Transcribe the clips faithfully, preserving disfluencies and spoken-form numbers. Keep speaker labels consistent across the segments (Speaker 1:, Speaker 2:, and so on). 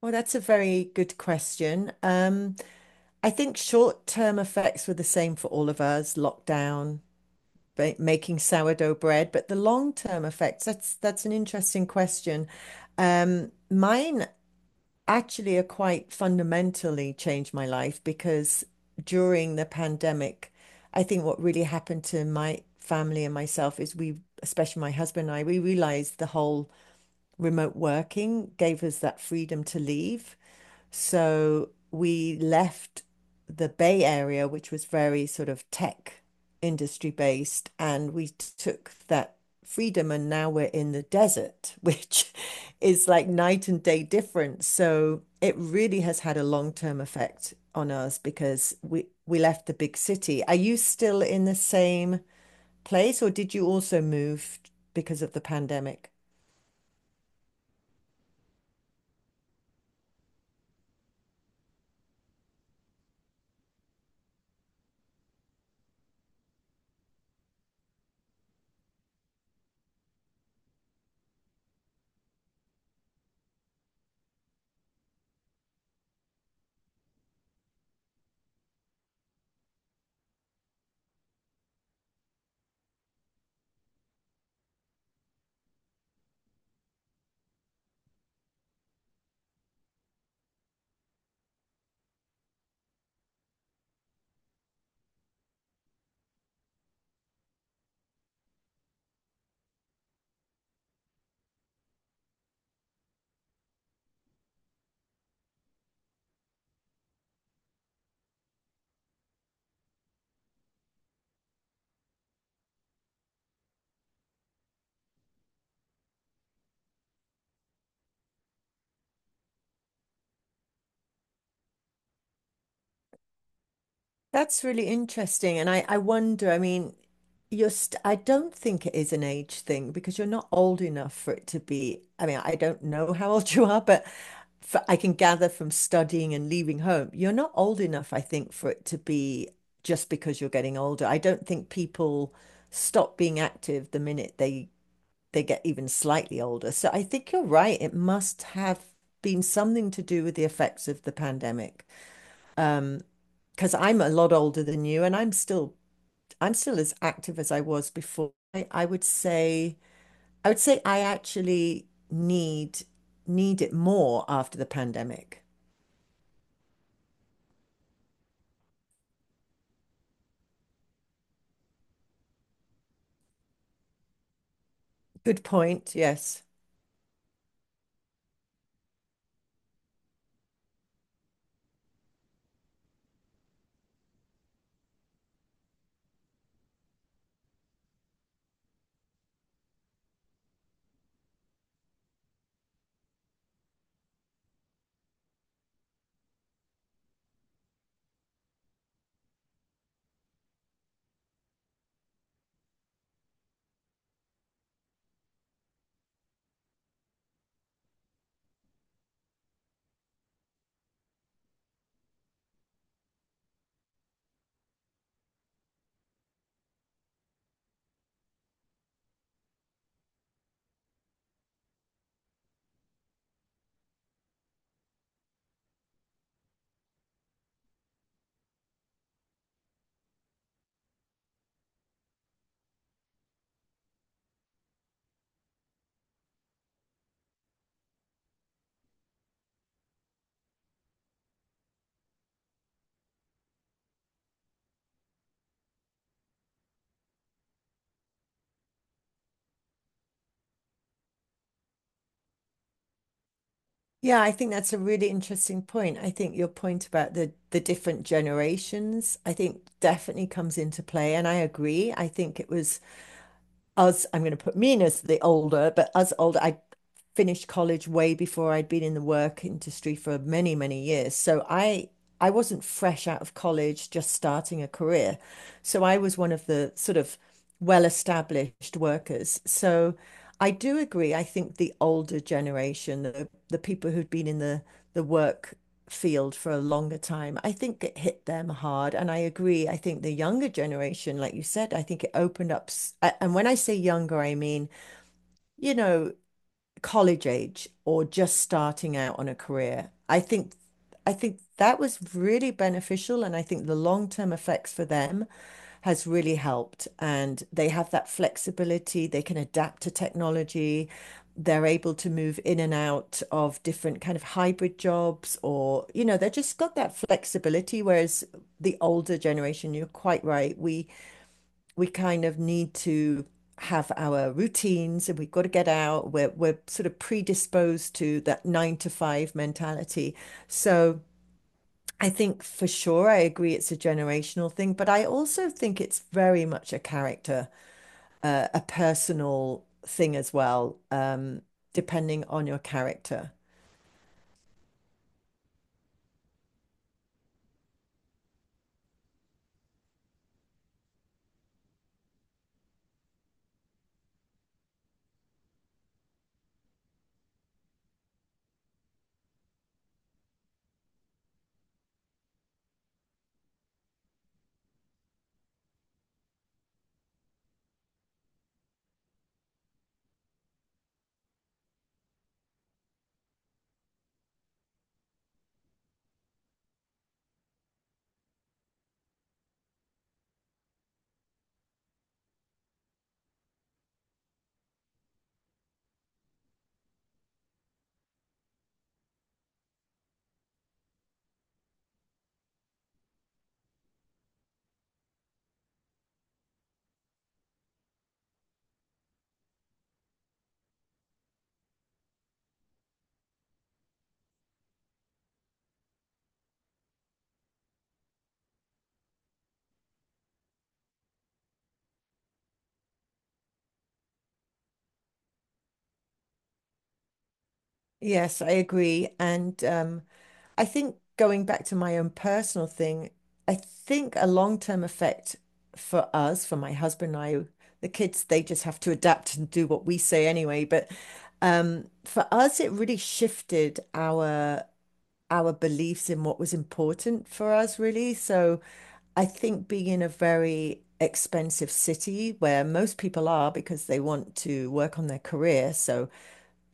Speaker 1: Well, that's a very good question. Um, I think short-term effects were the same for all of us, lockdown, ba- making sourdough bread, but the long-term effects, that's that's an interesting question. Um, mine actually are quite fundamentally changed my life because during the pandemic, I think what really happened to my family and myself is we, especially my husband and I, we realized the whole remote working gave us that freedom to leave. So we left the Bay Area, which was very sort of tech industry based, and we took that freedom. And now we're in the desert, which is like night and day difference. So it really has had a long-term effect on us because we we left the big city. Are you still in the same place, or did you also move because of the pandemic? That's really interesting. And I, I wonder, I mean, you're st I don't think it is an age thing because you're not old enough for it to be. I mean, I don't know how old you are, but for, I can gather from studying and leaving home, you're not old enough, I think, for it to be just because you're getting older. I don't think people stop being active the minute they they get even slightly older. So I think you're right. It must have been something to do with the effects of the pandemic because I'm a lot older than you and I'm still I'm still as active as I was before. I, I would say I would say I actually need need it more after the pandemic. Good point. Yes. Yeah, I think that's a really interesting point. I think your point about the the different generations, I think definitely comes into play, and I agree. I think it was us, I'm going to put me in as the older, but us older, I finished college way before I'd been in the work industry for many, many years. So I I wasn't fresh out of college, just starting a career. So I was one of the sort of well-established workers. So I do agree. I think the older generation, the, the people who'd been in the the work field for a longer time, I think it hit them hard. And I agree. I think the younger generation, like you said, I think it opened up. And when I say younger, I mean, you know, college age or just starting out on a career. I think I think that was really beneficial, and I think the long-term effects for them has really helped. And they have that flexibility, they can adapt to technology, they're able to move in and out of different kind of hybrid jobs, or you know, they just got that flexibility. Whereas the older generation, you're quite right, we we kind of need to have our routines and we've got to get out. We're we're sort of predisposed to that nine to five mentality. So I think for sure I agree it's a generational thing, but I also think it's very much a character, uh, a personal thing as well, um, depending on your character. Yes, I agree. And um, I think going back to my own personal thing, I think a long-term effect for us, for my husband and I, the kids, they just have to adapt and do what we say anyway. But um, for us, it really shifted our our beliefs in what was important for us, really. So I think being in a very expensive city where most people are because they want to work on their career, so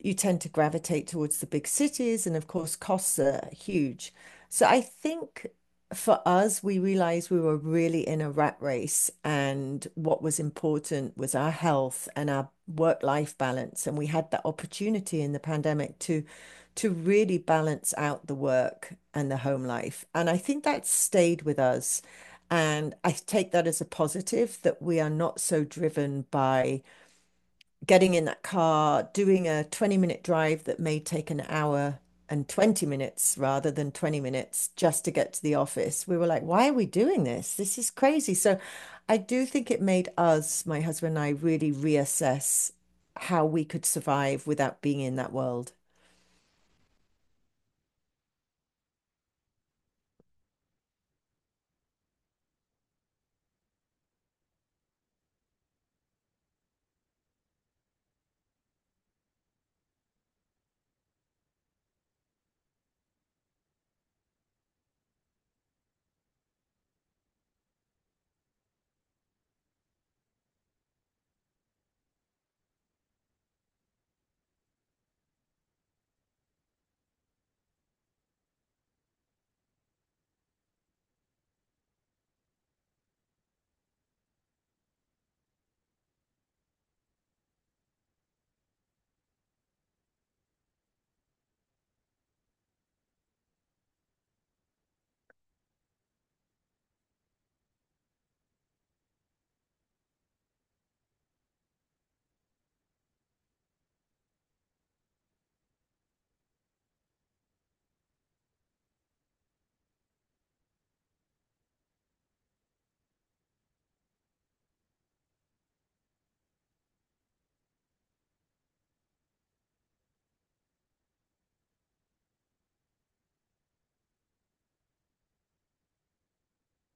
Speaker 1: you tend to gravitate towards the big cities, and of course, costs are huge. So I think for us, we realized we were really in a rat race, and what was important was our health and our work-life balance. And we had that opportunity in the pandemic to to really balance out the work and the home life. And I think that stayed with us. And I take that as a positive that we are not so driven by getting in that car, doing a twenty minute drive that may take an hour and twenty minutes rather than twenty minutes just to get to the office. We were like, why are we doing this? This is crazy. So I do think it made us, my husband and I, really reassess how we could survive without being in that world.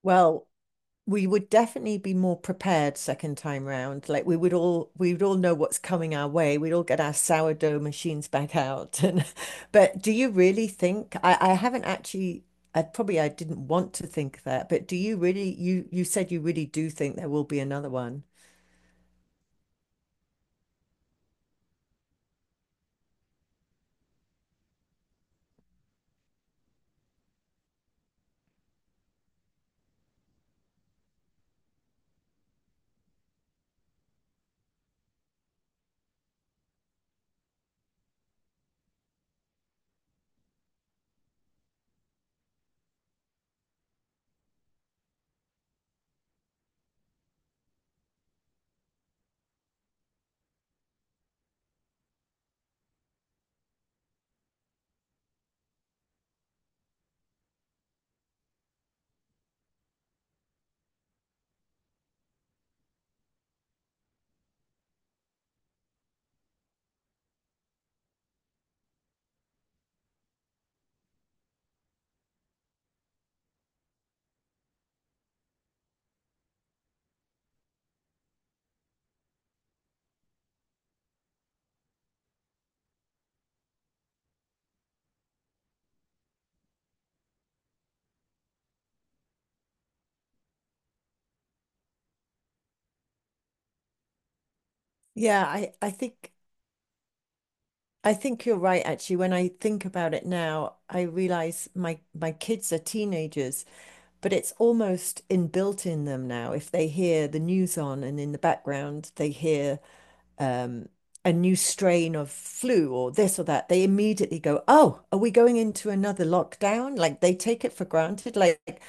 Speaker 1: Well, we would definitely be more prepared second time round. Like we would all we would all know what's coming our way. We'd all get our sourdough machines back out. And but do you really think I, I haven't actually I probably I didn't want to think that, but do you really you you said you really do think there will be another one? Yeah, I I think I think you're right actually. When I think about it now, I realize my my kids are teenagers but it's almost inbuilt in them now. If they hear the news on and in the background they hear um, a new strain of flu or this or that, they immediately go, "Oh, are we going into another lockdown?" Like they take it for granted. Like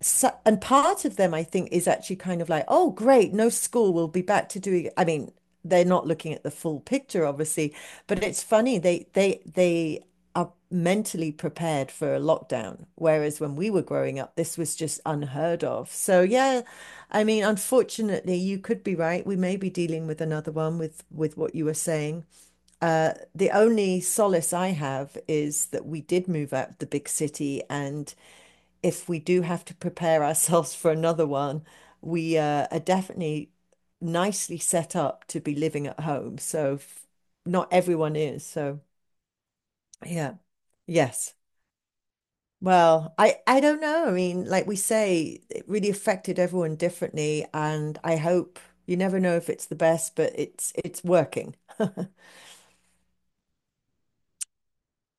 Speaker 1: so, and part of them, I think, is actually kind of like, oh, great, no school, we'll be back to doing. I mean, they're not looking at the full picture, obviously, but it's funny they they they are mentally prepared for a lockdown, whereas when we were growing up, this was just unheard of. So yeah, I mean, unfortunately, you could be right. We may be dealing with another one with with what you were saying. Uh, the only solace I have is that we did move out of the big city and if we do have to prepare ourselves for another one, we uh, are definitely nicely set up to be living at home. So f- not everyone is. So yeah, yes. Well, I I don't know. I mean, like we say, it really affected everyone differently, and I hope you never know if it's the best, but it's it's working.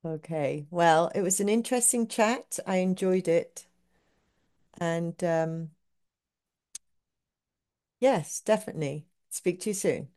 Speaker 1: Okay. Well, it was an interesting chat. I enjoyed it, and um, yes, definitely. Speak to you soon.